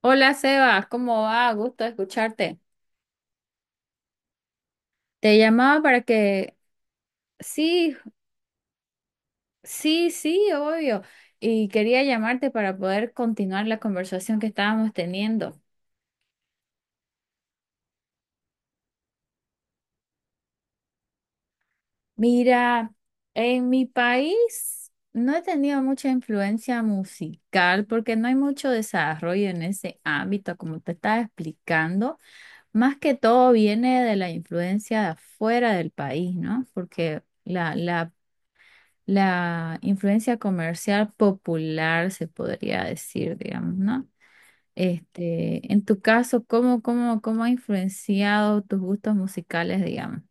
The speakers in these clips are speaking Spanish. Hola Sebas, ¿cómo va? Gusto escucharte. Te llamaba para que, sí, sí, obvio. Y quería llamarte para poder continuar la conversación que estábamos teniendo. Mira, en mi país no he tenido mucha influencia musical porque no hay mucho desarrollo en ese ámbito, como te estaba explicando. Más que todo viene de la influencia de afuera del país, ¿no? Porque la influencia comercial popular, se podría decir, digamos, ¿no? En tu caso, ¿cómo, cómo ha influenciado tus gustos musicales, digamos?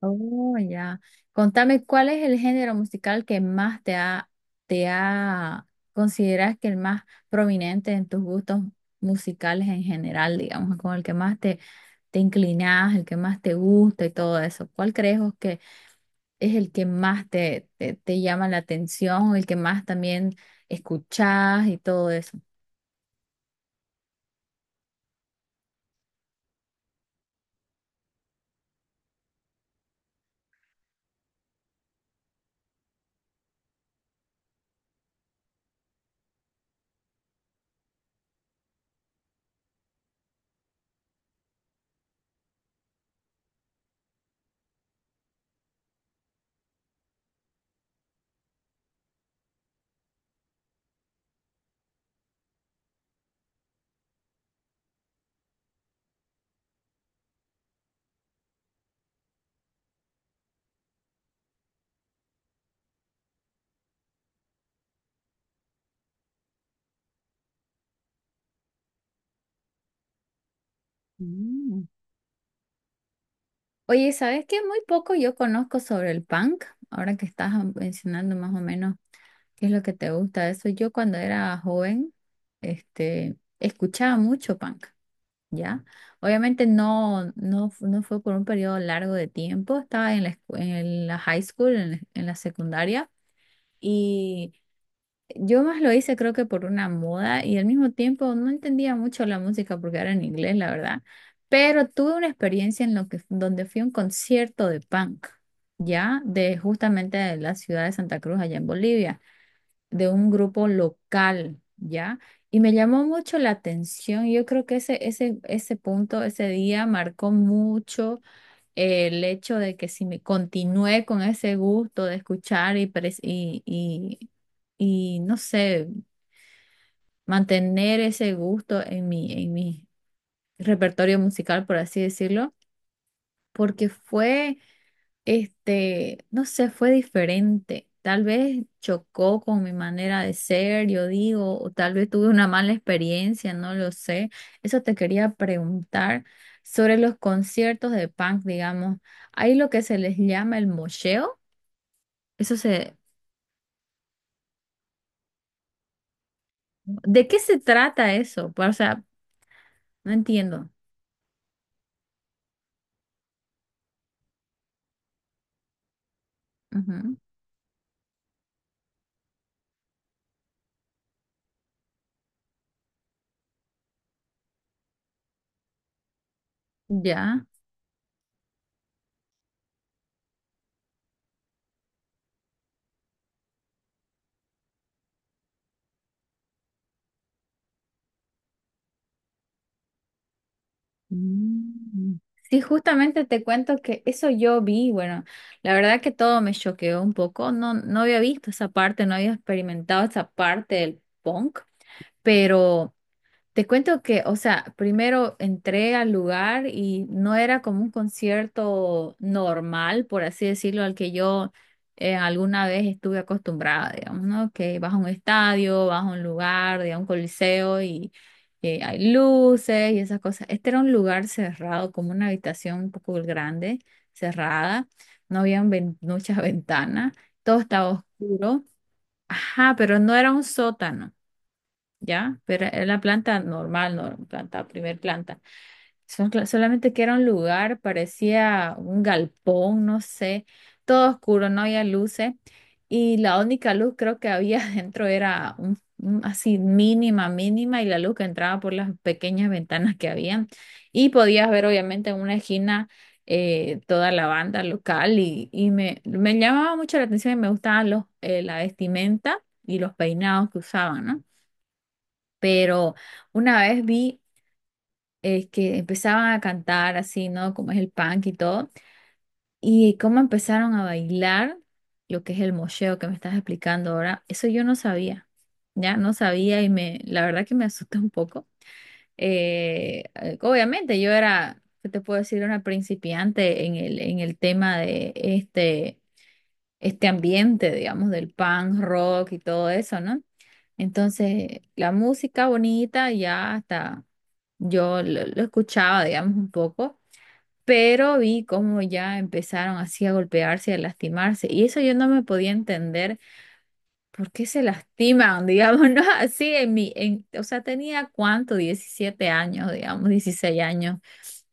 Oh, ya. Contame, ¿cuál es el género musical que más te ha, consideras que el más prominente en tus gustos musicales en general, digamos, con el que más te, te inclinas, el que más te gusta y todo eso? ¿Cuál crees vos es el que más te, te llama la atención, el que más también escuchás y todo eso? Mm. Oye, ¿sabes qué? Muy poco yo conozco sobre el punk, ahora que estás mencionando más o menos qué es lo que te gusta de eso. Yo cuando era joven, escuchaba mucho punk, ¿ya? Obviamente no fue por un periodo largo de tiempo, estaba en en la high school, en la secundaria. y Yo más lo hice creo que por una moda y al mismo tiempo no entendía mucho la música porque era en inglés, la verdad. Pero tuve una experiencia en lo que, donde fui a un concierto de punk, ya de justamente de la ciudad de Santa Cruz, allá en Bolivia, de un grupo local, ya. Y me llamó mucho la atención. Yo creo que ese punto, ese día marcó mucho el hecho de que si me continué con ese gusto de escuchar y, no sé, mantener ese gusto en mi repertorio musical, por así decirlo, porque fue no sé, fue diferente. Tal vez chocó con mi manera de ser, yo digo, o tal vez tuve una mala experiencia, no lo sé. Eso te quería preguntar sobre los conciertos de punk, digamos. Hay lo que se les llama el mosheo. Eso se, ¿De qué se trata eso? O sea, no entiendo. Ujú. Ya. Mm. Sí, justamente te cuento que eso yo vi, bueno, la verdad que todo me choqueó un poco, no, no había visto esa parte, no había experimentado esa parte del punk, pero te cuento que, o sea, primero entré al lugar y no era como un concierto normal, por así decirlo, al que yo alguna vez estuve acostumbrada, digamos, ¿no? Que vas a un estadio, vas a un lugar, digamos, un coliseo y hay luces y esas cosas. Este era un lugar cerrado, como una habitación un poco grande, cerrada, no había muchas ventanas, todo estaba oscuro, ajá, pero no era un sótano. ¿Ya? Pero era una planta normal, no, planta, primer planta. Solamente que era un lugar, parecía un galpón, no sé, todo oscuro, no había luces. Y la única luz creo que había dentro era así mínima, mínima, y la luz que entraba por las pequeñas ventanas que habían. Y podías ver obviamente en una esquina toda la banda local y, me llamaba mucho la atención y me gustaban la vestimenta y los peinados que usaban, ¿no? Pero una vez vi que empezaban a cantar así, ¿no? Como es el punk y todo, y cómo empezaron a bailar lo que es el mosheo que me estás explicando ahora, eso yo no sabía, ya no sabía y me, la verdad que me asusté un poco. Obviamente yo era, ¿qué te puedo decir? Una principiante en el tema de este ambiente, digamos, del punk rock y todo eso, ¿no? Entonces, la música bonita ya hasta yo lo escuchaba, digamos, un poco, pero vi cómo ya empezaron así a golpearse y a lastimarse. Y eso yo no me podía entender por qué se lastiman, digamos, ¿no? Así en o sea, tenía cuánto, 17 años, digamos, 16 años.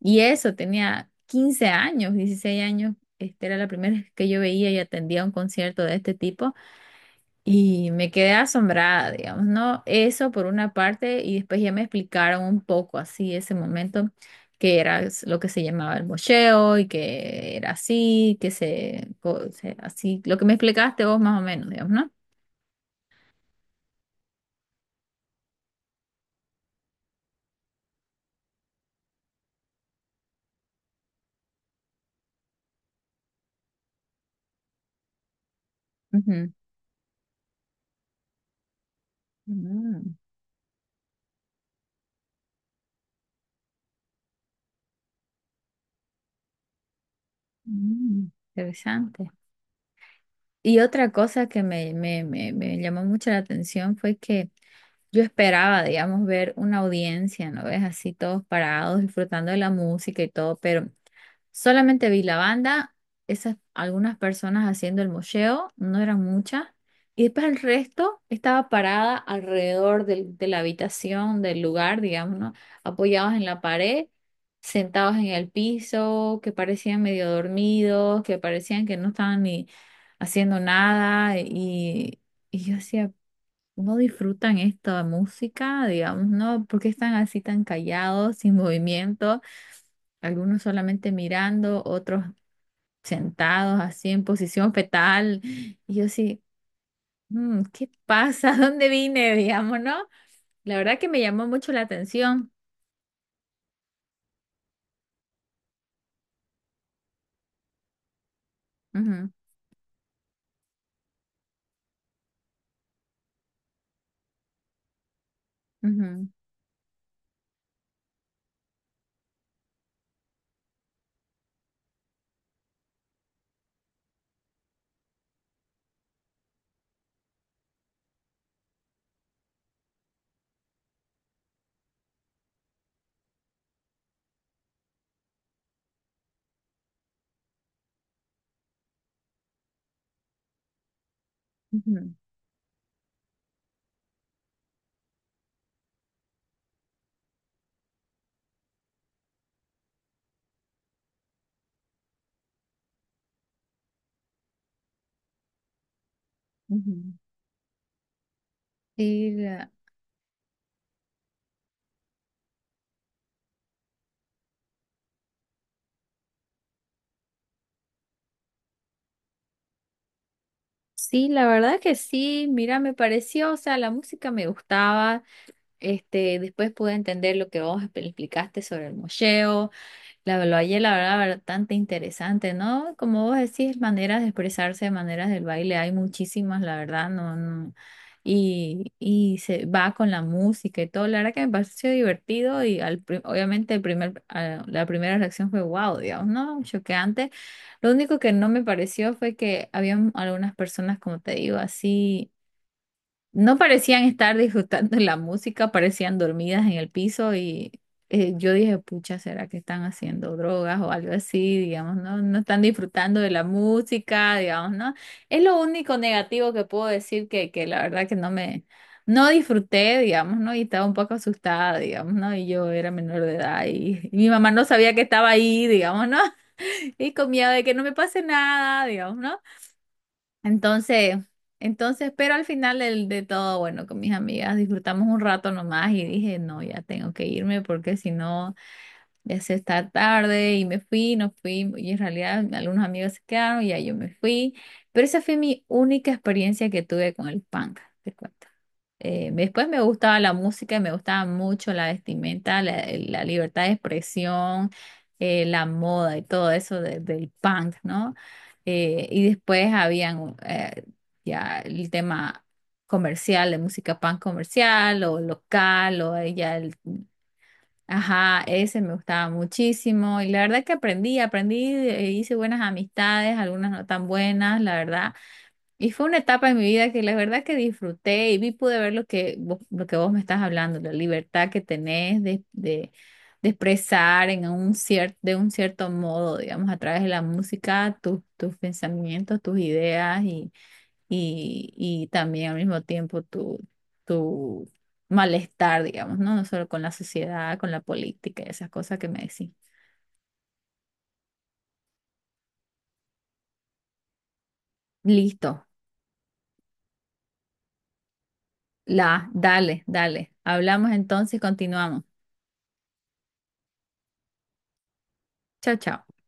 Y eso, tenía 15 años, 16 años. Este era la primera vez que yo veía y atendía un concierto de este tipo y me quedé asombrada, digamos, ¿no? Eso por una parte y después ya me explicaron un poco así ese momento que era lo que se llamaba el mocheo y que era así, que se, co- se- así, lo que me explicaste vos más o menos, digamos, no. Ujú. Mm, mm, interesante. Y otra cosa que me llamó mucho la atención fue que yo esperaba, digamos, ver una audiencia, ¿no ves? Así todos parados, disfrutando de la música y todo, pero solamente vi la banda, esas algunas personas haciendo el mocheo, no eran muchas, y después el resto estaba parada alrededor de la habitación, del lugar, digamos, ¿no? Apoyados en la pared, sentados en el piso, que parecían medio dormidos, que parecían que no estaban ni haciendo nada y, y yo decía, no disfrutan esta música, digamos, ¿no? ¿Por qué están así tan callados, sin movimiento? Algunos solamente mirando, otros sentados así en posición fetal. Y yo así, "Mm, ¿qué pasa? ¿Dónde vine? Digamos, ¿no? La verdad que me llamó mucho la atención. Ujú, ujú, ujú, ujú. Sí, la, sí, la verdad que sí, mira, me pareció, o sea, la música me gustaba. Después pude entender lo que vos explicaste sobre el mocheo. La valle la verdad, bastante interesante, ¿no? Como vos decís, maneras de expresarse, maneras del baile, hay muchísimas, la verdad, no, no. Y se va con la música y todo. La verdad que me pareció divertido y obviamente la primera reacción fue wow, digamos, ¿no? Choqueante. Lo único que no me pareció fue que había algunas personas, como te digo, así. No parecían estar disfrutando la música, parecían dormidas en el piso y yo dije, pucha, ¿será que están haciendo drogas o algo así? Digamos, no, no están disfrutando de la música, digamos, ¿no? Es lo único negativo que puedo decir que la verdad que no me, no disfruté, digamos, ¿no? Y estaba un poco asustada, digamos, ¿no? Y yo era menor de edad y mi mamá no sabía que estaba ahí, digamos, ¿no? Y con miedo de que no me pase nada, digamos, ¿no? Entonces, entonces, pero al final de todo, bueno, con mis amigas disfrutamos un rato nomás y dije, no, ya tengo que irme porque si no, ya se está tarde y me fui, no fui, y en realidad algunos amigos se quedaron y ya yo me fui, pero esa fue mi única experiencia que tuve con el panga te cuento. Después me gustaba la música y me gustaba mucho la vestimenta, la libertad de expresión, la moda y todo eso del punk, ¿no? Y después habían ya el tema comercial, de música punk comercial o local o ya el... Ajá, ese me gustaba muchísimo y la verdad que aprendí, hice buenas amistades, algunas no tan buenas, la verdad, y fue una etapa en mi vida que la verdad que disfruté y vi, pude ver lo que vos me estás hablando, la libertad que tenés de expresar en un cierto, de un cierto modo, digamos, a través de la música, tus pensamientos, tus ideas y también al mismo tiempo tu malestar, digamos, ¿no? No solo con la sociedad, con la política y esas cosas que me decís. Listo, dale, dale. Hablamos entonces, continuamos. Chao, chao.